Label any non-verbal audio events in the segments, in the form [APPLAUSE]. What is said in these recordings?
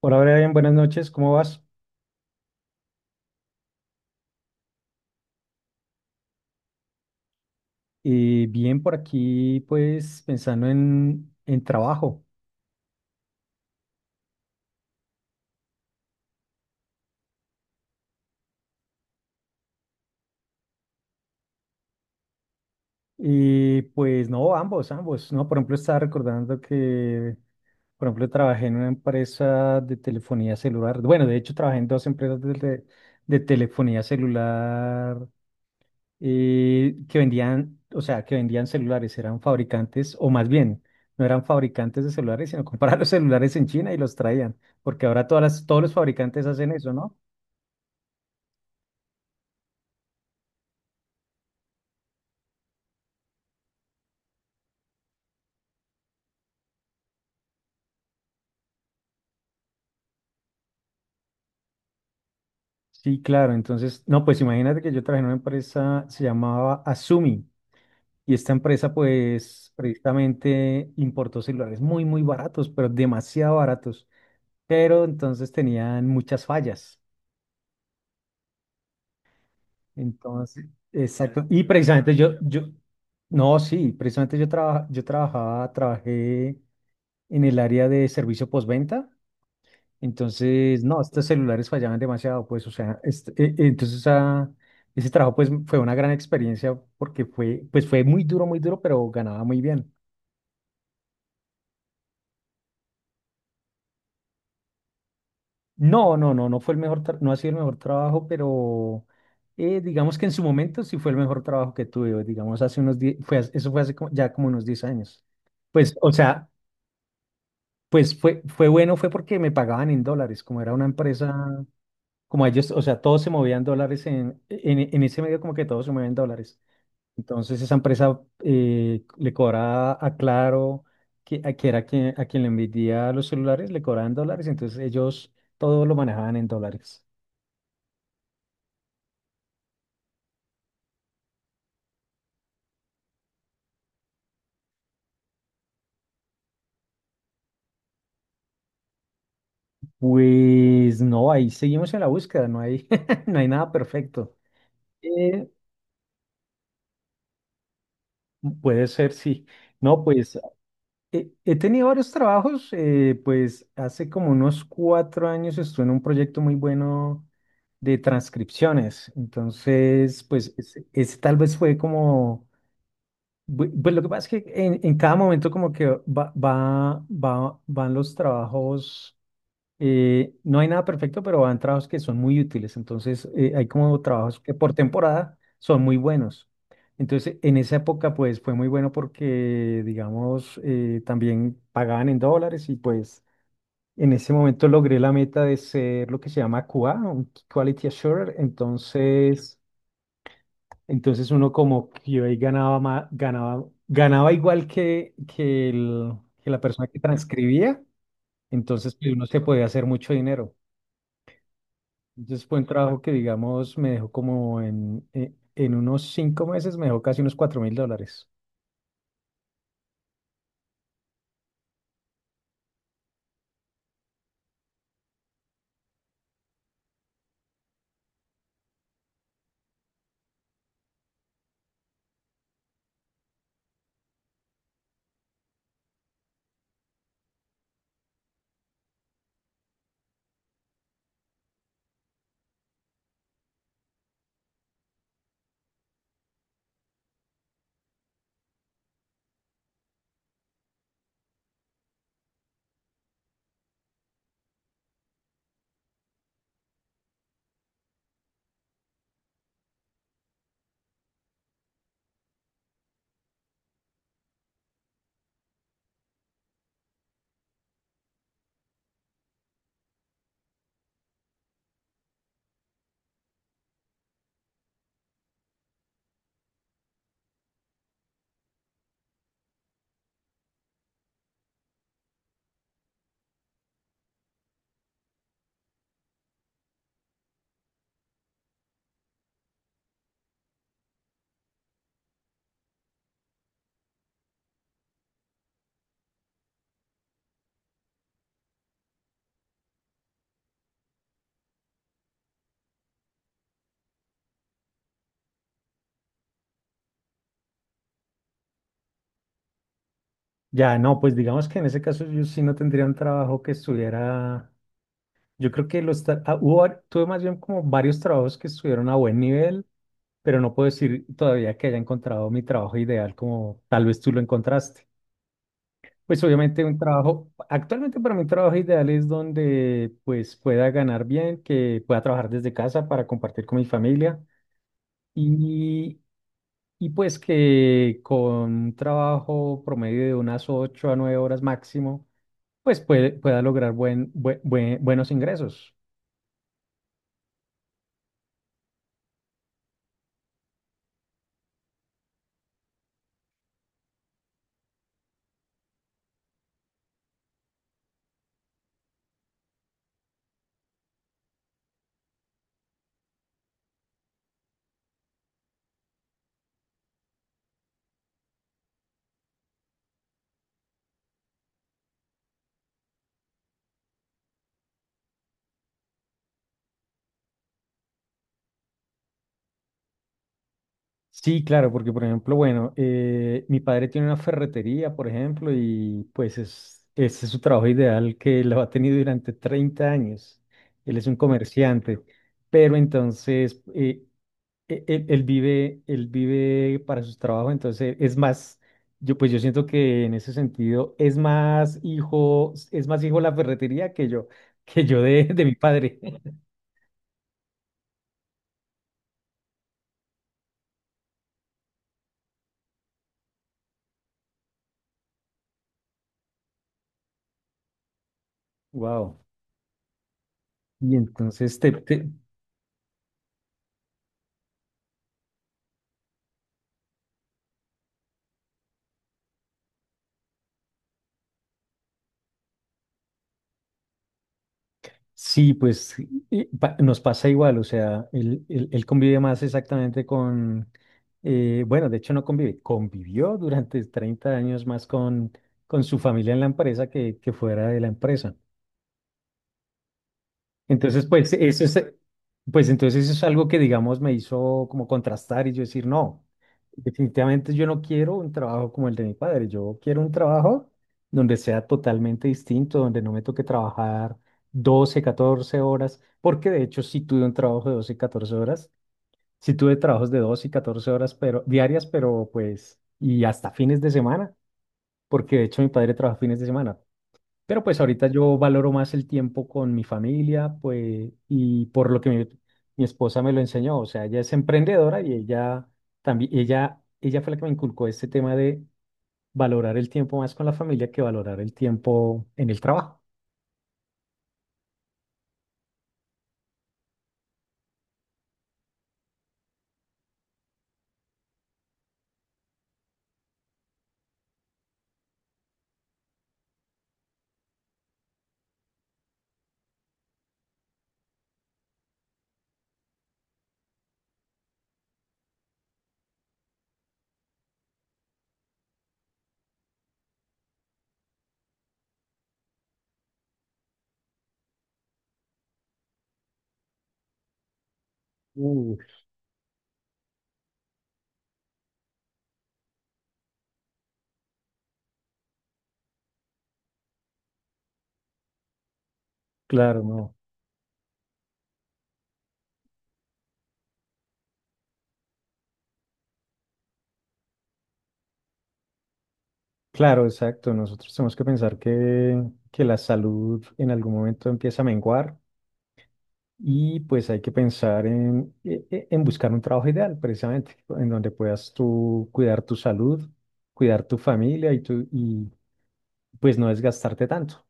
Por ahora, bien, buenas noches, ¿cómo vas? Bien, por aquí, pues pensando en trabajo. Y pues no, ambos, ambos, ¿no? Por ejemplo, estaba recordando que, por ejemplo, trabajé en una empresa de telefonía celular. Bueno, de hecho, trabajé en dos empresas de telefonía celular, que vendían, o sea, que vendían celulares, eran fabricantes, o más bien, no eran fabricantes de celulares, sino [LAUGHS] compraban los celulares en China y los traían, porque ahora todos los fabricantes hacen eso, ¿no? Sí, claro. Entonces, no, pues imagínate que yo trabajé en una empresa, se llamaba Asumi, y esta empresa pues precisamente importó celulares muy, muy baratos, pero demasiado baratos. Pero entonces tenían muchas fallas. Entonces, exacto. Y precisamente yo, no, sí, precisamente yo, trabajé en el área de servicio postventa. Entonces, no, estos celulares fallaban demasiado, pues, o sea, entonces, ese trabajo pues fue una gran experiencia porque pues fue muy duro, pero ganaba muy bien. No, no, no, no fue el mejor, no ha sido el mejor trabajo, pero digamos que en su momento sí fue el mejor trabajo que tuve, digamos, hace unos 10, eso fue hace ya como unos 10 años. Pues, o sea, pues fue bueno, fue porque me pagaban en dólares, como era una empresa, como ellos, o sea, todos se movían dólares en ese medio, como que todos se mueven dólares. Entonces esa empresa, le cobraba a Claro, que, a, que era quien, a quien le vendía los celulares, le cobraban dólares, entonces ellos todo lo manejaban en dólares. Pues no, ahí seguimos en la búsqueda, no hay, [LAUGHS] no hay nada perfecto. Eh, Puede ser, sí. No, pues he tenido varios trabajos, pues hace como unos cuatro años estuve en un proyecto muy bueno de transcripciones, entonces pues ese tal vez fue como. Pues lo que pasa es que en cada momento, como que van los trabajos, no hay nada perfecto, pero van trabajos que son muy útiles. Entonces, hay como trabajos que por temporada son muy buenos. Entonces en esa época pues fue muy bueno porque digamos, también pagaban en dólares y pues en ese momento logré la meta de ser lo que se llama QA, un Quality Assurer. Entonces. Entonces uno como que ahí ganaba igual que la persona que transcribía, entonces pues uno se podía hacer mucho dinero. Entonces fue un trabajo que, digamos, me dejó como en unos cinco meses, me dejó casi unos cuatro mil dólares. Ya, no, pues digamos que en ese caso yo sí no tendría un trabajo que estuviera, yo creo que los, tra- ah, hubo var- tuve más bien como varios trabajos que estuvieron a buen nivel, pero no puedo decir todavía que haya encontrado mi trabajo ideal como tal vez tú lo encontraste. Pues obviamente un trabajo, actualmente para mí un trabajo ideal es donde pues pueda ganar bien, que pueda trabajar desde casa para compartir con mi familia, y, y pues que con un trabajo promedio de unas 8 a 9 horas máximo, pues pueda lograr buenos ingresos. Sí, claro, porque por ejemplo, bueno, mi padre tiene una ferretería, por ejemplo, y pues ese es su trabajo ideal, que lo ha tenido durante 30 años. Él es un comerciante, pero entonces, él vive para sus trabajos, entonces es más, yo pues yo siento que en ese sentido es más hijo la ferretería que yo, de mi padre. [LAUGHS] Wow. Y entonces te, te- Sí, pues nos pasa igual, o sea, él convive más exactamente con, bueno, de hecho no convive, convivió durante 30 años más con su familia en la empresa que fuera de la empresa. Entonces, pues entonces eso es algo que, digamos, me hizo como contrastar y yo decir, no, definitivamente yo no quiero un trabajo como el de mi padre, yo quiero un trabajo donde sea totalmente distinto, donde no me toque trabajar 12, 14 horas, porque de hecho sí tuve un trabajo de 12, y catorce horas, sí tuve trabajos de 12 y 14 horas, pero diarias, pero pues, y hasta fines de semana, porque de hecho mi padre trabaja fines de semana, pero pues ahorita yo valoro más el tiempo con mi familia, pues, y por lo que mi esposa me lo enseñó, o sea, ella es emprendedora y ella también, ella fue la que me inculcó este tema de valorar el tiempo más con la familia que valorar el tiempo en el trabajo. Uh, claro, no. Claro, exacto. Nosotros tenemos que pensar que, la salud en algún momento empieza a menguar. Y pues hay que pensar en buscar un trabajo ideal, precisamente, en donde puedas tú cuidar tu salud, cuidar tu familia y pues no desgastarte tanto.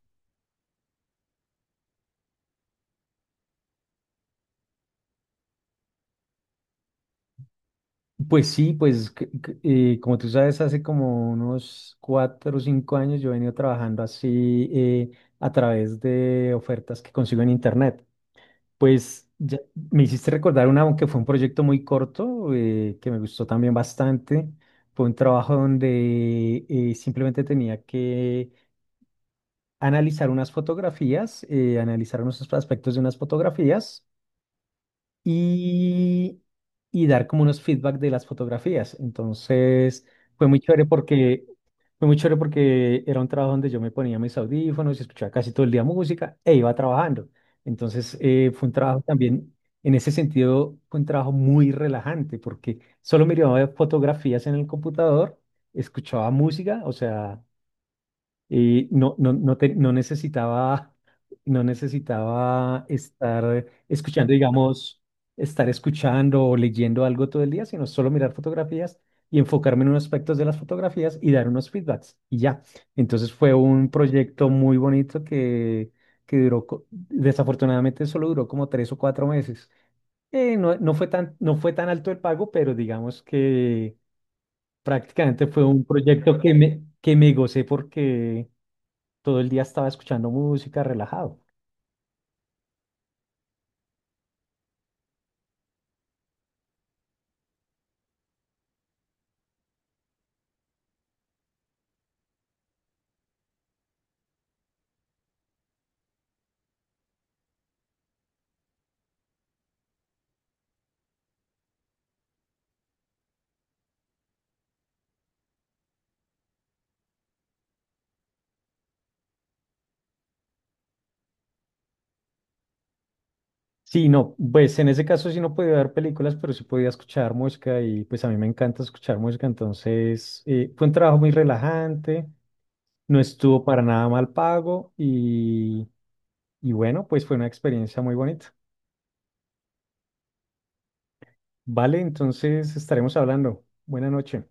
Pues sí, pues como tú sabes, hace como unos cuatro o cinco años yo he venido trabajando así, a través de ofertas que consigo en internet. Pues ya me hiciste recordar una, aunque fue un proyecto muy corto, que me gustó también bastante. Fue un trabajo donde, simplemente tenía que analizar unas fotografías, analizar unos aspectos de unas fotografías y, y dar como unos feedback de las fotografías. Entonces, fue muy chévere porque, fue muy chévere porque, era un trabajo donde yo me ponía mis audífonos y escuchaba casi todo el día música e iba trabajando. Entonces, fue un trabajo también, en ese sentido, fue un trabajo muy relajante porque solo miraba fotografías en el computador, escuchaba música, o sea. Y no, no, no, no necesitaba, estar escuchando, digamos, estar escuchando o leyendo algo todo el día, sino solo mirar fotografías y enfocarme en unos aspectos de las fotografías y dar unos feedbacks y ya. Entonces fue un proyecto muy bonito que duró, desafortunadamente solo duró como tres o cuatro meses. No, no fue tan alto el pago, pero digamos que prácticamente fue un proyecto que que me gocé porque todo el día estaba escuchando música, relajado. Sí, no, pues en ese caso sí no podía ver películas, pero sí podía escuchar música y pues a mí me encanta escuchar música, entonces, fue un trabajo muy relajante, no estuvo para nada mal pago, y bueno, pues fue una experiencia muy bonita. Vale, entonces estaremos hablando. Buena noche.